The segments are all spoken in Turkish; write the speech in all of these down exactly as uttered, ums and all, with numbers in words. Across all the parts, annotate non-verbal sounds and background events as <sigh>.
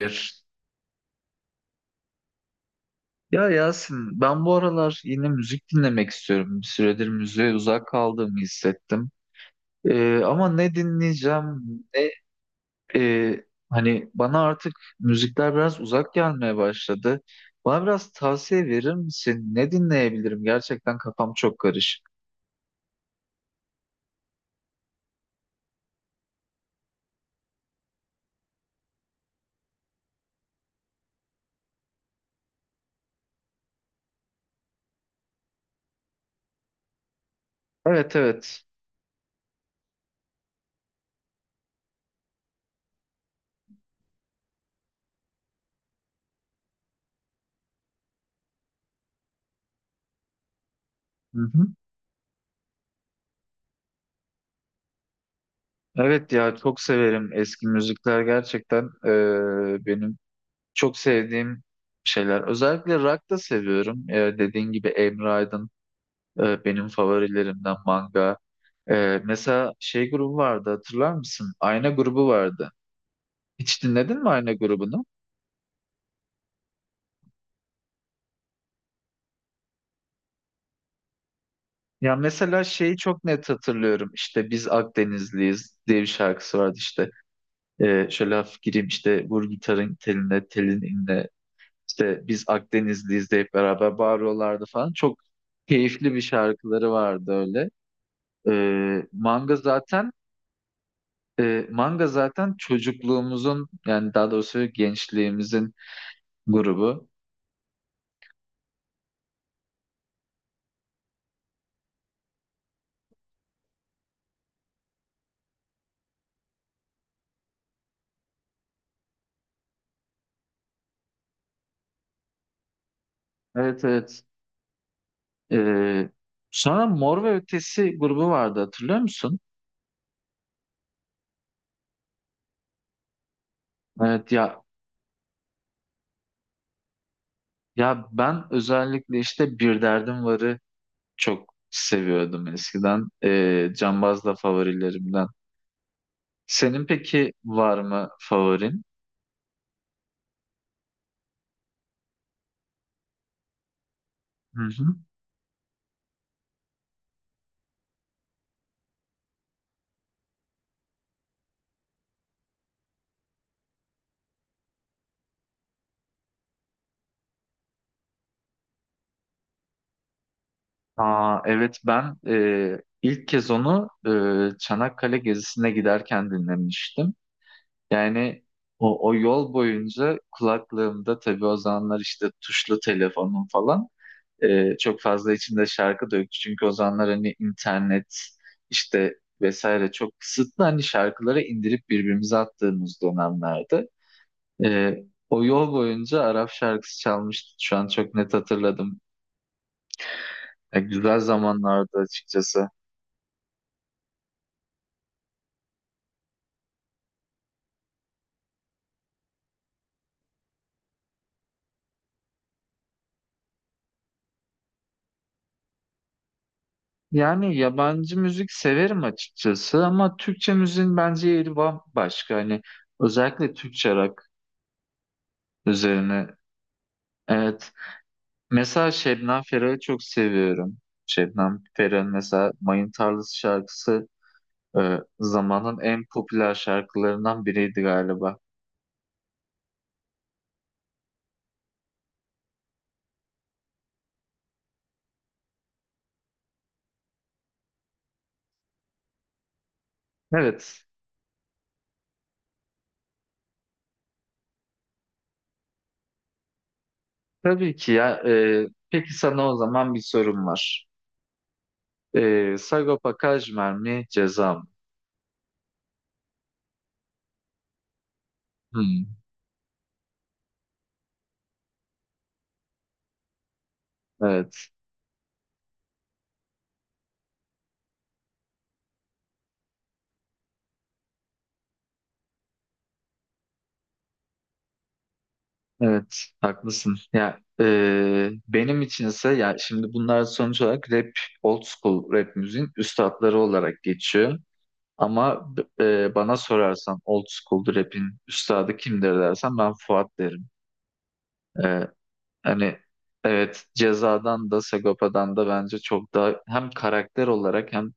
Bir. Ya Yasin, ben bu aralar yine müzik dinlemek istiyorum. Bir süredir müziğe uzak kaldığımı hissettim. Ee, ama ne dinleyeceğim, ne e, hani bana artık müzikler biraz uzak gelmeye başladı. Bana biraz tavsiye verir misin? Ne dinleyebilirim? Gerçekten kafam çok karışık. Evet, evet. Hı hı. Evet ya, çok severim eski müzikler gerçekten. E, benim çok sevdiğim şeyler. Özellikle rock da seviyorum. E, dediğin gibi Emre Aydın. Ee, Benim favorilerimden manga. Ee, mesela şey grubu vardı, hatırlar mısın? Ayna grubu vardı. Hiç dinledin mi Ayna grubunu? Ya mesela şeyi çok net hatırlıyorum. İşte biz Akdenizliyiz diye bir şarkısı vardı işte. Ee, şöyle hafif gireyim işte, vur gitarın teline, telin inle. İşte biz Akdenizliyiz deyip beraber bağırıyorlardı falan. Çok keyifli bir şarkıları vardı öyle. Ee, manga zaten e, manga zaten çocukluğumuzun, yani daha doğrusu gençliğimizin grubu. Evet evet. Ee, Sonra Mor ve Ötesi grubu vardı, hatırlıyor musun? Evet ya, ya ben özellikle işte Bir Derdim Var'ı çok seviyordum eskiden. Ee, Cambaz da favorilerimden. Senin peki var mı favorin? Hı hı. Aa, evet, ben e, ilk kez onu e, Çanakkale gezisine giderken dinlemiştim. Yani o, o yol boyunca kulaklığımda, tabii o zamanlar işte tuşlu telefonum falan, e, çok fazla içinde şarkı da yok. Çünkü o zamanlar hani internet işte vesaire çok kısıtlı, hani şarkıları indirip birbirimize attığımız dönemlerde. E, O yol boyunca Arap şarkısı çalmıştı. Şu an çok net hatırladım. E, güzel zamanlardı açıkçası. Yani yabancı müzik severim açıkçası, ama Türkçe müziğin bence yeri bambaşka. Hani özellikle Türkçe rock üzerine. Evet. Mesela Şebnem Ferah'ı çok seviyorum. Şebnem Ferah'ın mesela Mayın Tarlası şarkısı e, zamanın en popüler şarkılarından biriydi galiba. Evet. Tabii ki ya. E, peki sana o zaman bir sorum var. E, Sagopa Kajmer mi Ceza mı? Hmm. Evet. Evet. Haklısın. Ya, e, benim içinse, ya şimdi bunlar sonuç olarak rap, old school rap müziğin üstatları olarak geçiyor. Ama e, bana sorarsan old school rap'in üstadı kimdir dersen, ben Fuat derim. E, hani evet, Ceza'dan da Sagopa'dan da bence çok daha hem karakter olarak hem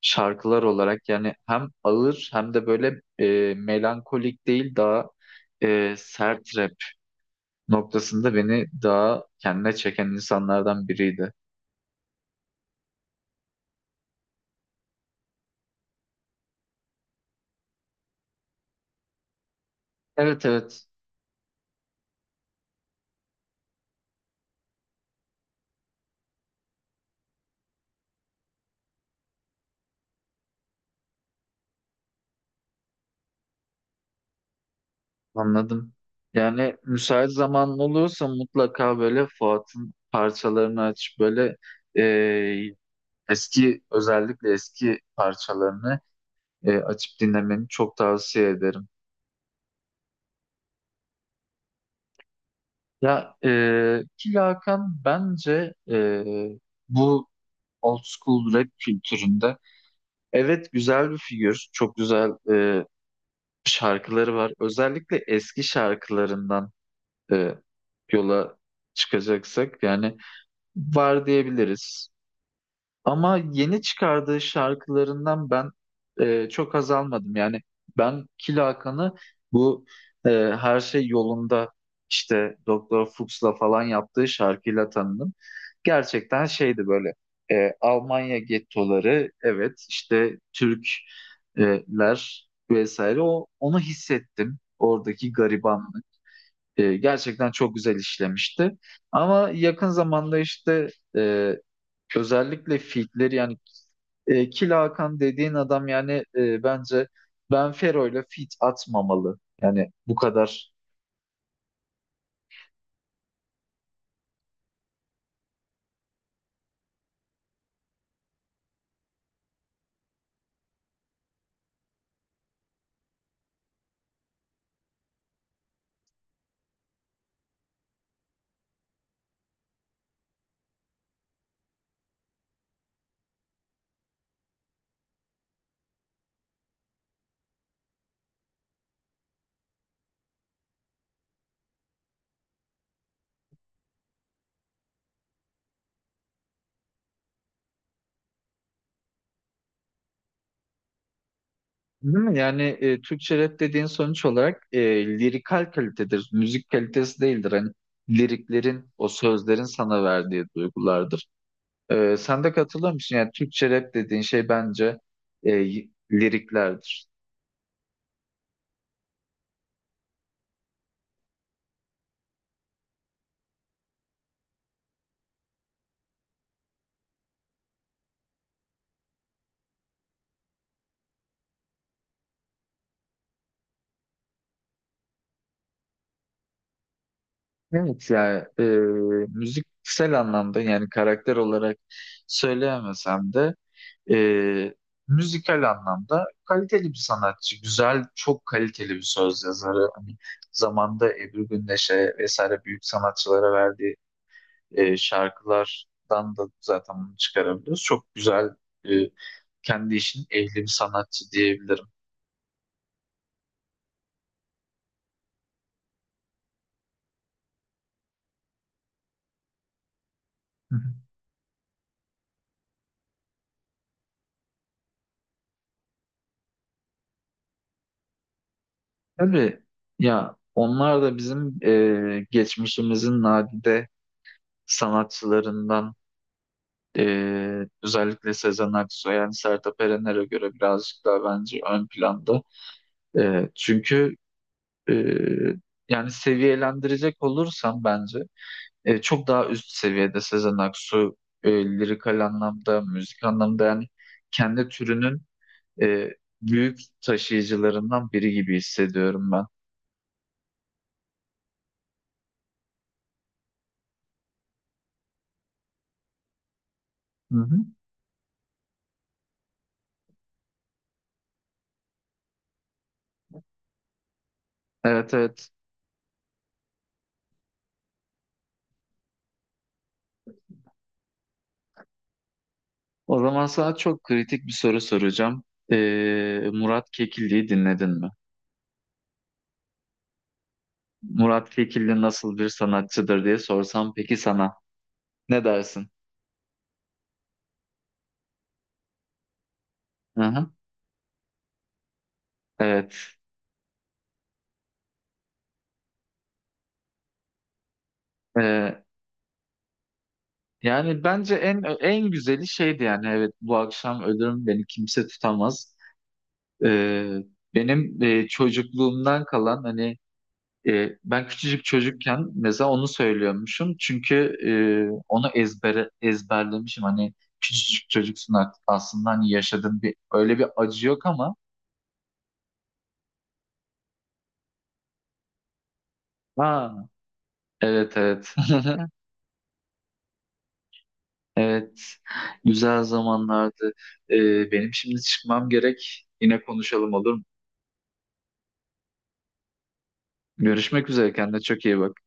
şarkılar olarak, yani hem ağır hem de böyle e, melankolik değil, daha e, sert rap noktasında beni daha kendine çeken insanlardan biriydi. Evet evet. Anladım. Yani müsait zaman olursa mutlaka böyle Fuat'ın parçalarını aç, böyle e, eski, özellikle eski parçalarını e, açıp dinlemeni çok tavsiye ederim. Ya e, ki Hakan bence e, bu old school rap kültüründe evet güzel bir figür. Çok güzel e, şarkıları var. Özellikle eski şarkılarından e, yola çıkacaksak, yani var diyebiliriz. Ama yeni çıkardığı şarkılarından ben e, çok haz almadım. Yani ben Killa Hakan'ı bu e, her şey yolunda işte Doktor Fuchs'la falan yaptığı şarkıyla tanıdım. Gerçekten şeydi böyle, e, Almanya gettoları, evet işte Türkler vesaire, o onu hissettim oradaki garibanlık. E, gerçekten çok güzel işlemişti. Ama yakın zamanda işte e, özellikle fitleri yani, e, Kil Hakan dediğin adam yani, e, bence Benfero ile fit atmamalı. Yani bu kadar değil mi? Yani e, Türkçe rap dediğin sonuç olarak e, lirikal kalitedir. Müzik kalitesi değildir. Hani liriklerin, o sözlerin sana verdiği duygulardır. E, sen de katılır mısın? Yani Türkçe rap dediğin şey bence e, liriklerdir. Evet ya, e, müziksel anlamda yani karakter olarak söyleyemesem de, e, müzikal anlamda kaliteli bir sanatçı. Güzel, çok kaliteli bir söz yazarı. Hani zamanda Ebru Gündeş'e vesaire büyük sanatçılara verdiği e, şarkılardan da zaten bunu çıkarabiliyoruz. Çok güzel, e, kendi işinin ehli bir sanatçı diyebilirim. Hı hı. Tabii ya, onlar da bizim e, geçmişimizin nadide sanatçılarından. E, özellikle Sezen Aksu yani Sertab Erener'e göre birazcık daha bence ön planda. E, çünkü e, yani seviyelendirecek olursam bence e, çok daha üst seviyede Sezen Aksu. E, lirikal anlamda, müzik anlamda yani kendi türünün e, büyük taşıyıcılarından biri gibi hissediyorum ben. Hı hı. Evet evet. O zaman sana çok kritik bir soru soracağım. E, Murat Kekilli'yi dinledin mi? Murat Kekilli nasıl bir sanatçıdır diye sorsam peki sana, ne dersin? Hı hı. Evet. Ee, yani bence en en güzeli şeydi yani, evet, bu akşam ölürüm beni kimse tutamaz. Ee, benim e, çocukluğumdan kalan hani, e, ben küçücük çocukken mesela onu söylüyormuşum, çünkü e, onu ezbere ezberlemişim, hani küçücük çocuksun artık, aslında hani yaşadığın bir öyle bir acı yok ama, ha evet evet. <laughs> Evet, güzel zamanlardı. Ee, benim şimdi çıkmam gerek. Yine konuşalım olur mu? Görüşmek üzere. Kendine çok iyi bak.